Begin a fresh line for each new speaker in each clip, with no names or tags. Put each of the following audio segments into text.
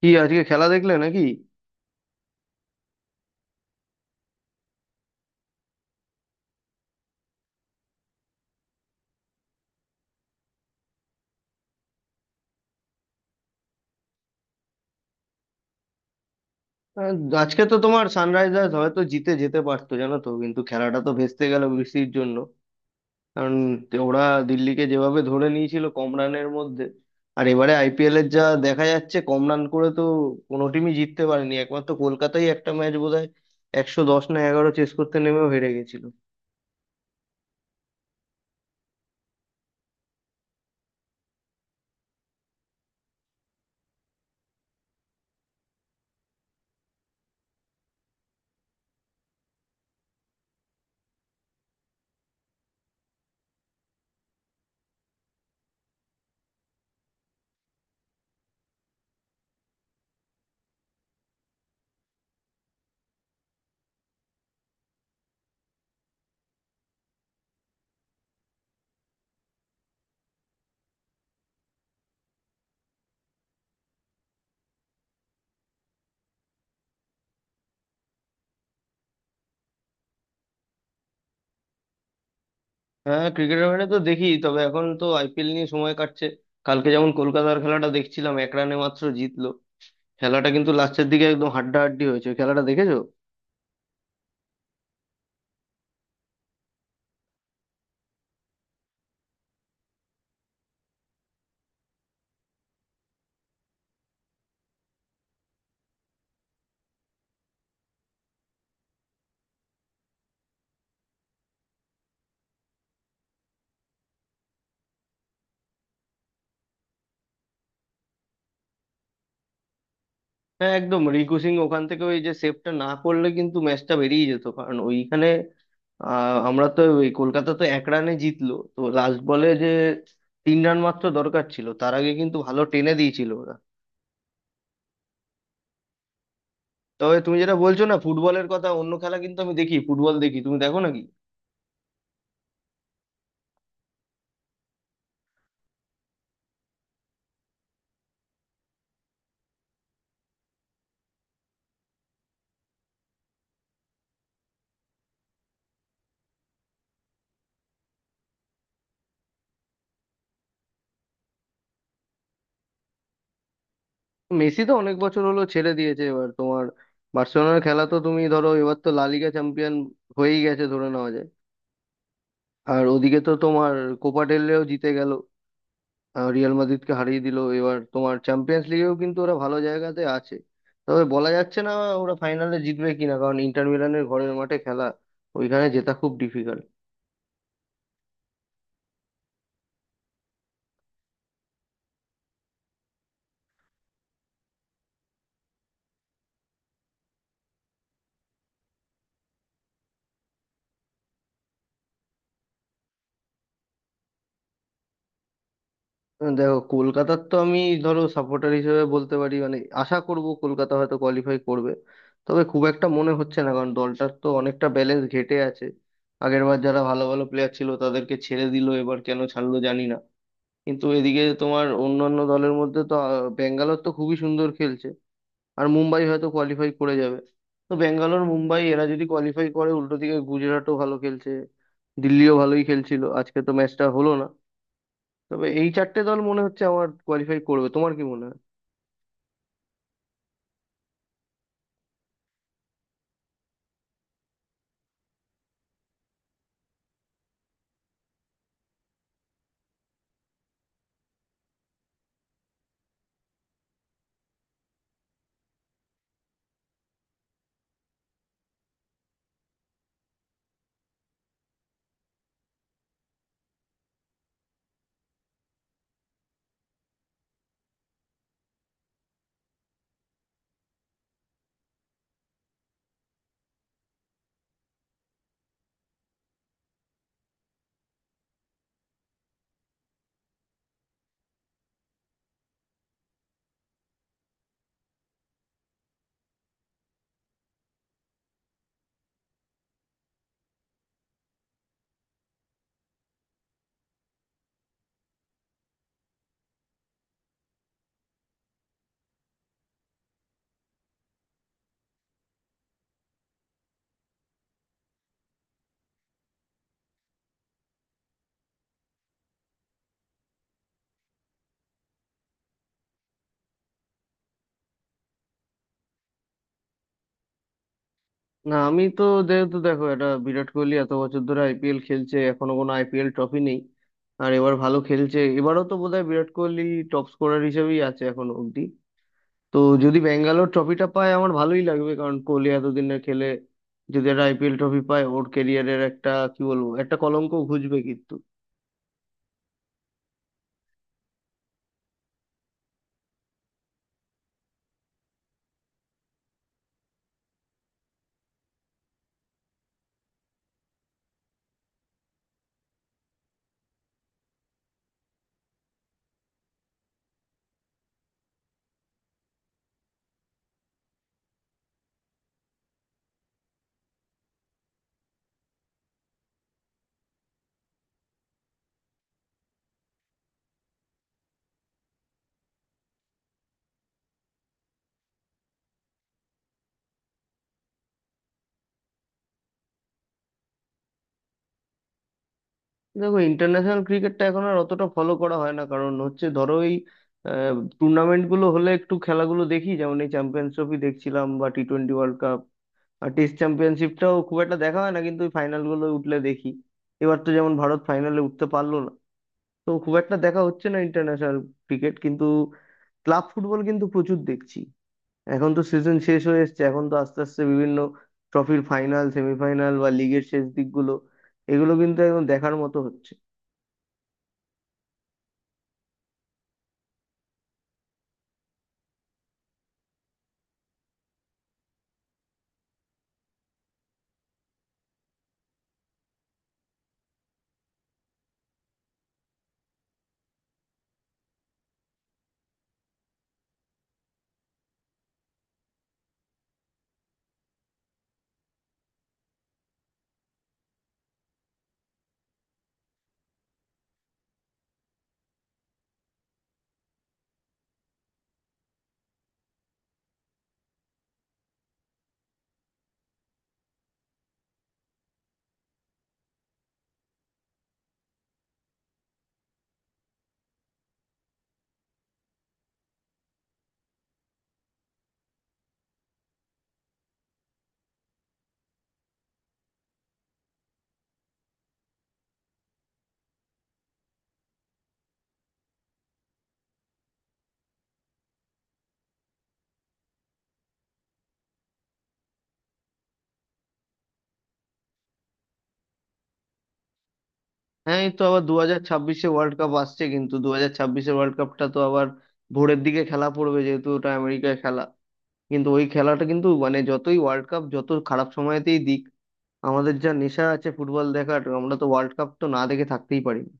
কি আজকে খেলা দেখলে নাকি? আহ, আজকে তো তোমার সানরাইজার্স হয়তো জিতে যেতে পারতো জানো তো, কিন্তু খেলাটা তো ভেস্তে গেল বৃষ্টির জন্য। কারণ ওরা দিল্লিকে যেভাবে ধরে নিয়েছিল কম রানের মধ্যে। আর এবারে আইপিএল এর যা দেখা যাচ্ছে, কম রান করে তো কোনো টিমই জিততে পারেনি, একমাত্র কলকাতাই একটা ম্যাচ বোধহয় 110 না 11 চেস করতে নেমেও হেরে গেছিল। হ্যাঁ, ক্রিকেটের বাইরে তো দেখি, তবে এখন তো আইপিএল নিয়ে সময় কাটছে। কালকে যেমন কলকাতার খেলাটা দেখছিলাম, 1 রানে মাত্র জিতলো। খেলাটা কিন্তু লাস্টের দিকে একদম হাড্ডাহাড্ডি হয়েছে, ওই খেলাটা দেখেছো? হ্যাঁ একদম, রিকু সিং ওখান থেকে ওই যে সেভটা না করলে কিন্তু ম্যাচটা বেরিয়ে যেত, কারণ ওইখানে আমরা তো ওই, কলকাতা তো 1 রানে জিতলো তো, লাস্ট বলে যে 3 রান মাত্র দরকার ছিল, তার আগে কিন্তু ভালো টেনে দিয়েছিল ওরা। তবে তুমি যেটা বলছো না ফুটবলের কথা, অন্য খেলা কিন্তু আমি দেখি, ফুটবল দেখি, তুমি দেখো নাকি? মেসি তো অনেক বছর হলো ছেড়ে দিয়েছে, এবার তোমার বার্সেলোনার খেলা তো তুমি ধরো, এবার তো লা লিগা চ্যাম্পিয়ন হয়েই গেছে ধরে নেওয়া যায়। আর ওদিকে তো তোমার কোপা ডেল রেও জিতে গেল, রিয়াল মাদ্রিদকে হারিয়ে দিল। এবার তোমার চ্যাম্পিয়ন্স লিগেও কিন্তু ওরা ভালো জায়গাতে আছে, তবে বলা যাচ্ছে না ওরা ফাইনালে জিতবে কিনা, কারণ ইন্টার মিলানের ঘরের মাঠে খেলা, ওইখানে জেতা খুব ডিফিকাল্ট। দেখো কলকাতার তো আমি ধরো সাপোর্টার হিসেবে বলতে পারি, মানে আশা করব কলকাতা হয়তো কোয়ালিফাই করবে, তবে খুব একটা মনে হচ্ছে না কারণ দলটার তো অনেকটা ব্যালেন্স ঘেটে আছে। আগেরবার যারা ভালো ভালো প্লেয়ার ছিল তাদেরকে ছেড়ে দিল, এবার কেন ছাড়লো জানি না। কিন্তু এদিকে তোমার অন্যান্য দলের মধ্যে তো ব্যাঙ্গালোর তো খুবই সুন্দর খেলছে, আর মুম্বাই হয়তো কোয়ালিফাই করে যাবে। তো ব্যাঙ্গালোর মুম্বাই এরা যদি কোয়ালিফাই করে, উল্টো দিকে গুজরাটও ভালো খেলছে, দিল্লিও ভালোই খেলছিল, আজকে তো ম্যাচটা হলো না। তবে এই চারটে দল মনে হচ্ছে আমার কোয়ালিফাই করবে, তোমার কি মনে হয়? না আমি তো, যেহেতু দেখো এটা বিরাট কোহলি এত বছর ধরে আইপিএল খেলছে, এখনো কোনো আইপিএল ট্রফি নেই। আর এবার ভালো খেলছে, এবারও তো বোধহয় বিরাট কোহলি টপ স্কোরার হিসেবেই আছে এখনো অব্দি। তো যদি ব্যাঙ্গালোর ট্রফিটা পায় আমার ভালোই লাগবে, কারণ কোহলি এতদিনে খেলে যদি একটা আইপিএল ট্রফি পায়, ওর ক্যারিয়ারের একটা কি বলবো, একটা কলঙ্ক ঘুচবে কিন্তু। দেখো ইন্টারন্যাশনাল ক্রিকেটটা এখন আর অতটা ফলো করা হয় না, কারণ হচ্ছে ধরো এই টুর্নামেন্ট গুলো হলে একটু খেলাগুলো দেখি, যেমন এই চ্যাম্পিয়ন্স ট্রফি দেখছিলাম বা টি টোয়েন্টি ওয়ার্ল্ড কাপ। আর টেস্ট চ্যাম্পিয়নশিপটাও খুব একটা দেখা হয় না, কিন্তু ওই ফাইনাল গুলো উঠলে দেখি। এবার তো যেমন ভারত ফাইনালে উঠতে পারলো না, তো খুব একটা দেখা হচ্ছে না ইন্টারন্যাশনাল ক্রিকেট, কিন্তু ক্লাব ফুটবল কিন্তু প্রচুর দেখছি। এখন তো সিজন শেষ হয়ে এসেছে, এখন তো আস্তে আস্তে বিভিন্ন ট্রফির ফাইনাল সেমিফাইনাল বা লিগের শেষ দিকগুলো, এগুলো কিন্তু একদম দেখার মতো হচ্ছে। হ্যাঁ এই তো আবার 2026-এ ওয়ার্ল্ড কাপ আসছে, কিন্তু 2026-এ ওয়ার্ল্ড কাপটা তো আবার ভোরের দিকে খেলা পড়বে, যেহেতু ওটা আমেরিকায় খেলা। কিন্তু ওই খেলাটা কিন্তু মানে যতই ওয়ার্ল্ড কাপ যত খারাপ সময়তেই দিক, আমাদের যা নেশা আছে ফুটবল দেখার, আমরা তো ওয়ার্ল্ড কাপ তো না দেখে থাকতেই পারি না।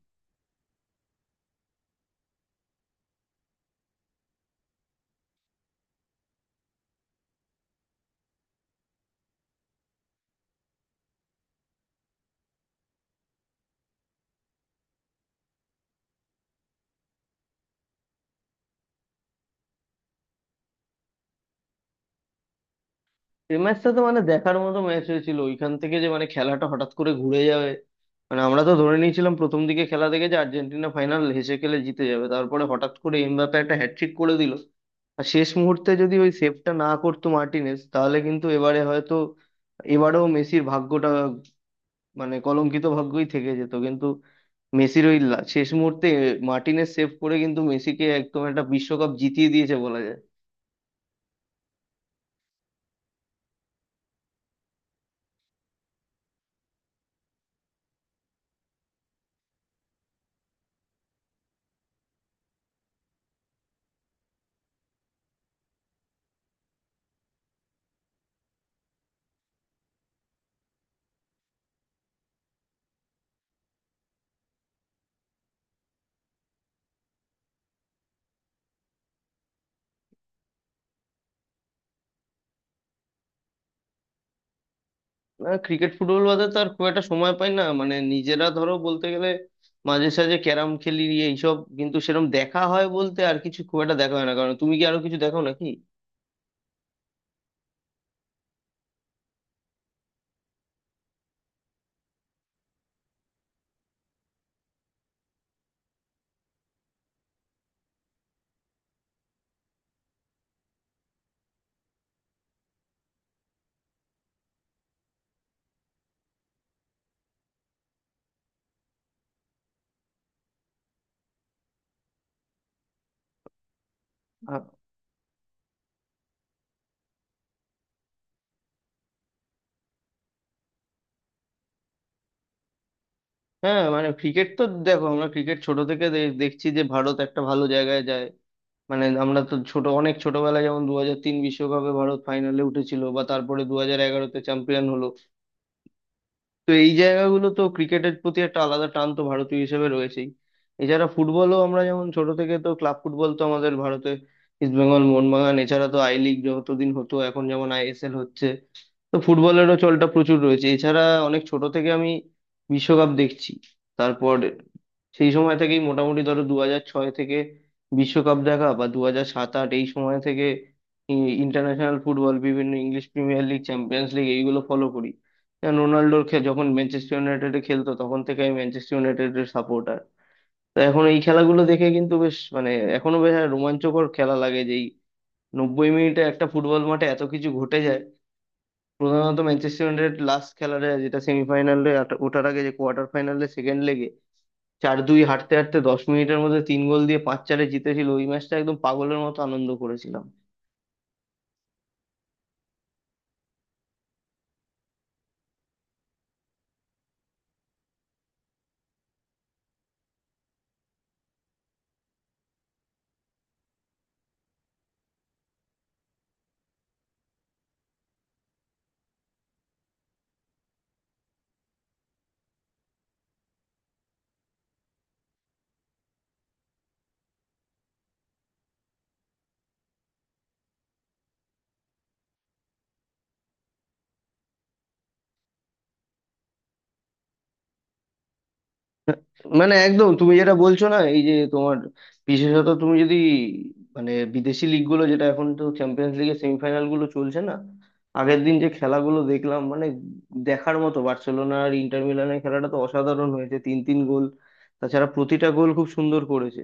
এই ম্যাচটা তো মানে দেখার মতো ম্যাচ হয়েছিল, ওইখান থেকে যে মানে খেলাটা হঠাৎ করে ঘুরে যাবে, মানে আমরা তো ধরে নিয়েছিলাম প্রথম দিকে খেলা দেখে যে আর্জেন্টিনা ফাইনাল হেসে খেলে জিতে যাবে, তারপরে হঠাৎ করে এমবাপ্পে একটা হ্যাটট্রিক করে দিল। আর শেষ মুহূর্তে যদি ওই সেভটা না করতো মার্টিনেজ, তাহলে কিন্তু এবারে হয়তো এবারেও মেসির ভাগ্যটা, মানে কলঙ্কিত ভাগ্যই থেকে যেত। কিন্তু মেসির ওই শেষ মুহূর্তে মার্টিনেজ সেভ করে কিন্তু মেসিকে একদম একটা বিশ্বকাপ জিতিয়ে দিয়েছে বলা যায়। না ক্রিকেট ফুটবল বাদে তো আর খুব একটা সময় পাই না, মানে নিজেরা ধরো বলতে গেলে মাঝে সাঝে ক্যারাম খেলি এইসব, কিন্তু সেরকম দেখা হয় বলতে আর কিছু খুব একটা দেখা হয় না। কারণ তুমি কি আরো কিছু দেখো নাকি? আ- হ্যাঁ মানে ক্রিকেট তো দেখো, আমরা ক্রিকেট ছোট থেকে দেখছি যে ভারত একটা ভালো জায়গায় যায়। মানে আমরা তো ছোট অনেক ছোটবেলায় যেমন 2003 বিশ্বকাপে ভারত ফাইনালে উঠেছিল, বা তারপরে 2011-তে চ্যাম্পিয়ন হলো। তো এই জায়গাগুলো তো ক্রিকেটের প্রতি একটা আলাদা টান তো ভারতীয় হিসেবে রয়েছেই। এছাড়া ফুটবলও আমরা যেমন ছোট থেকে, তো ক্লাব ফুটবল তো আমাদের ভারতে ইস্ট বেঙ্গল মোহনবাগান, এছাড়া তো আই লিগ যতদিন হতো, এখন যেমন আইএসএল হচ্ছে, তো ফুটবলেরও চলটা প্রচুর রয়েছে। এছাড়া অনেক ছোট থেকে আমি বিশ্বকাপ দেখছি, তারপর সেই সময় থেকেই মোটামুটি ধরো 2006 থেকে বিশ্বকাপ দেখা, বা 2007-08 এই সময় থেকে ইন্টারন্যাশনাল ফুটবল, বিভিন্ন English premier league champions league এইগুলো ফলো করি। যেমন রোনাল্ডোর যখন ম্যানচেস্টার ইউনাইটেডে খেলতো, তখন থেকে আমি ম্যানচেস্টার ইউনাইটেডের সাপোর্টার। তো এখন এই খেলাগুলো দেখে কিন্তু বেশ মানে, এখনো বেশ একটা রোমাঞ্চকর খেলা লাগে, যে এই 90 মিনিটে একটা ফুটবল মাঠে এত কিছু ঘটে যায়। প্রধানত ম্যানচেস্টার ইউনাইটেড লাস্ট খেলাটা, যেটা সেমিফাইনালে ওঠার আগে যে কোয়ার্টার ফাইনালে সেকেন্ড লেগে 4-2 হাঁটতে হাঁটতে 10 মিনিটের মধ্যে 3 গোল দিয়ে 5-4-এ জিতেছিল, ওই ম্যাচটা একদম পাগলের মতো আনন্দ করেছিলাম। মানে একদম তুমি যেটা বলছো না এই যে তোমার, বিশেষত তুমি যদি, মানে বিদেশি লিগ গুলো যেটা এখন তো চ্যাম্পিয়ন্স লিগের সেমিফাইনাল গুলো চলছে না, আগের দিন যে খেলাগুলো দেখলাম মানে দেখার মতো, বার্সেলোনা আর ইন্টার মিলানের খেলাটা তো অসাধারণ হয়েছে, 3-3 গোল। তাছাড়া প্রতিটা গোল খুব সুন্দর করেছে।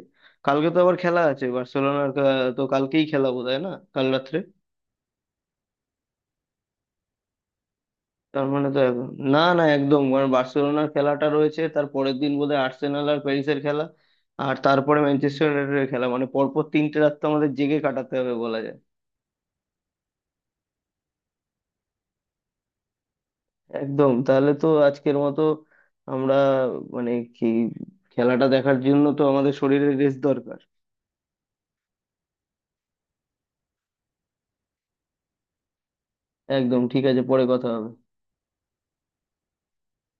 কালকে তো আবার খেলা আছে বার্সেলোনার তো কালকেই খেলা বোধহয় না, কাল রাত্রে। তার মানে তো এখন, না না একদম, কারণ বার্সেলোনার খেলাটা রয়েছে, তার পরের দিন বোধহয় আর্সেনাল আর প্যারিসের খেলা, আর তারপরে ম্যানচেস্টার ইউনাইটেডের খেলা, মানে পরপর 3টে রাত তো আমাদের জেগে কাটাতে হবে বলা যায়। একদম তাহলে তো আজকের মতো, আমরা মানে কি, খেলাটা দেখার জন্য তো আমাদের শরীরের রেস্ট দরকার। একদম ঠিক আছে, পরে কথা হবে।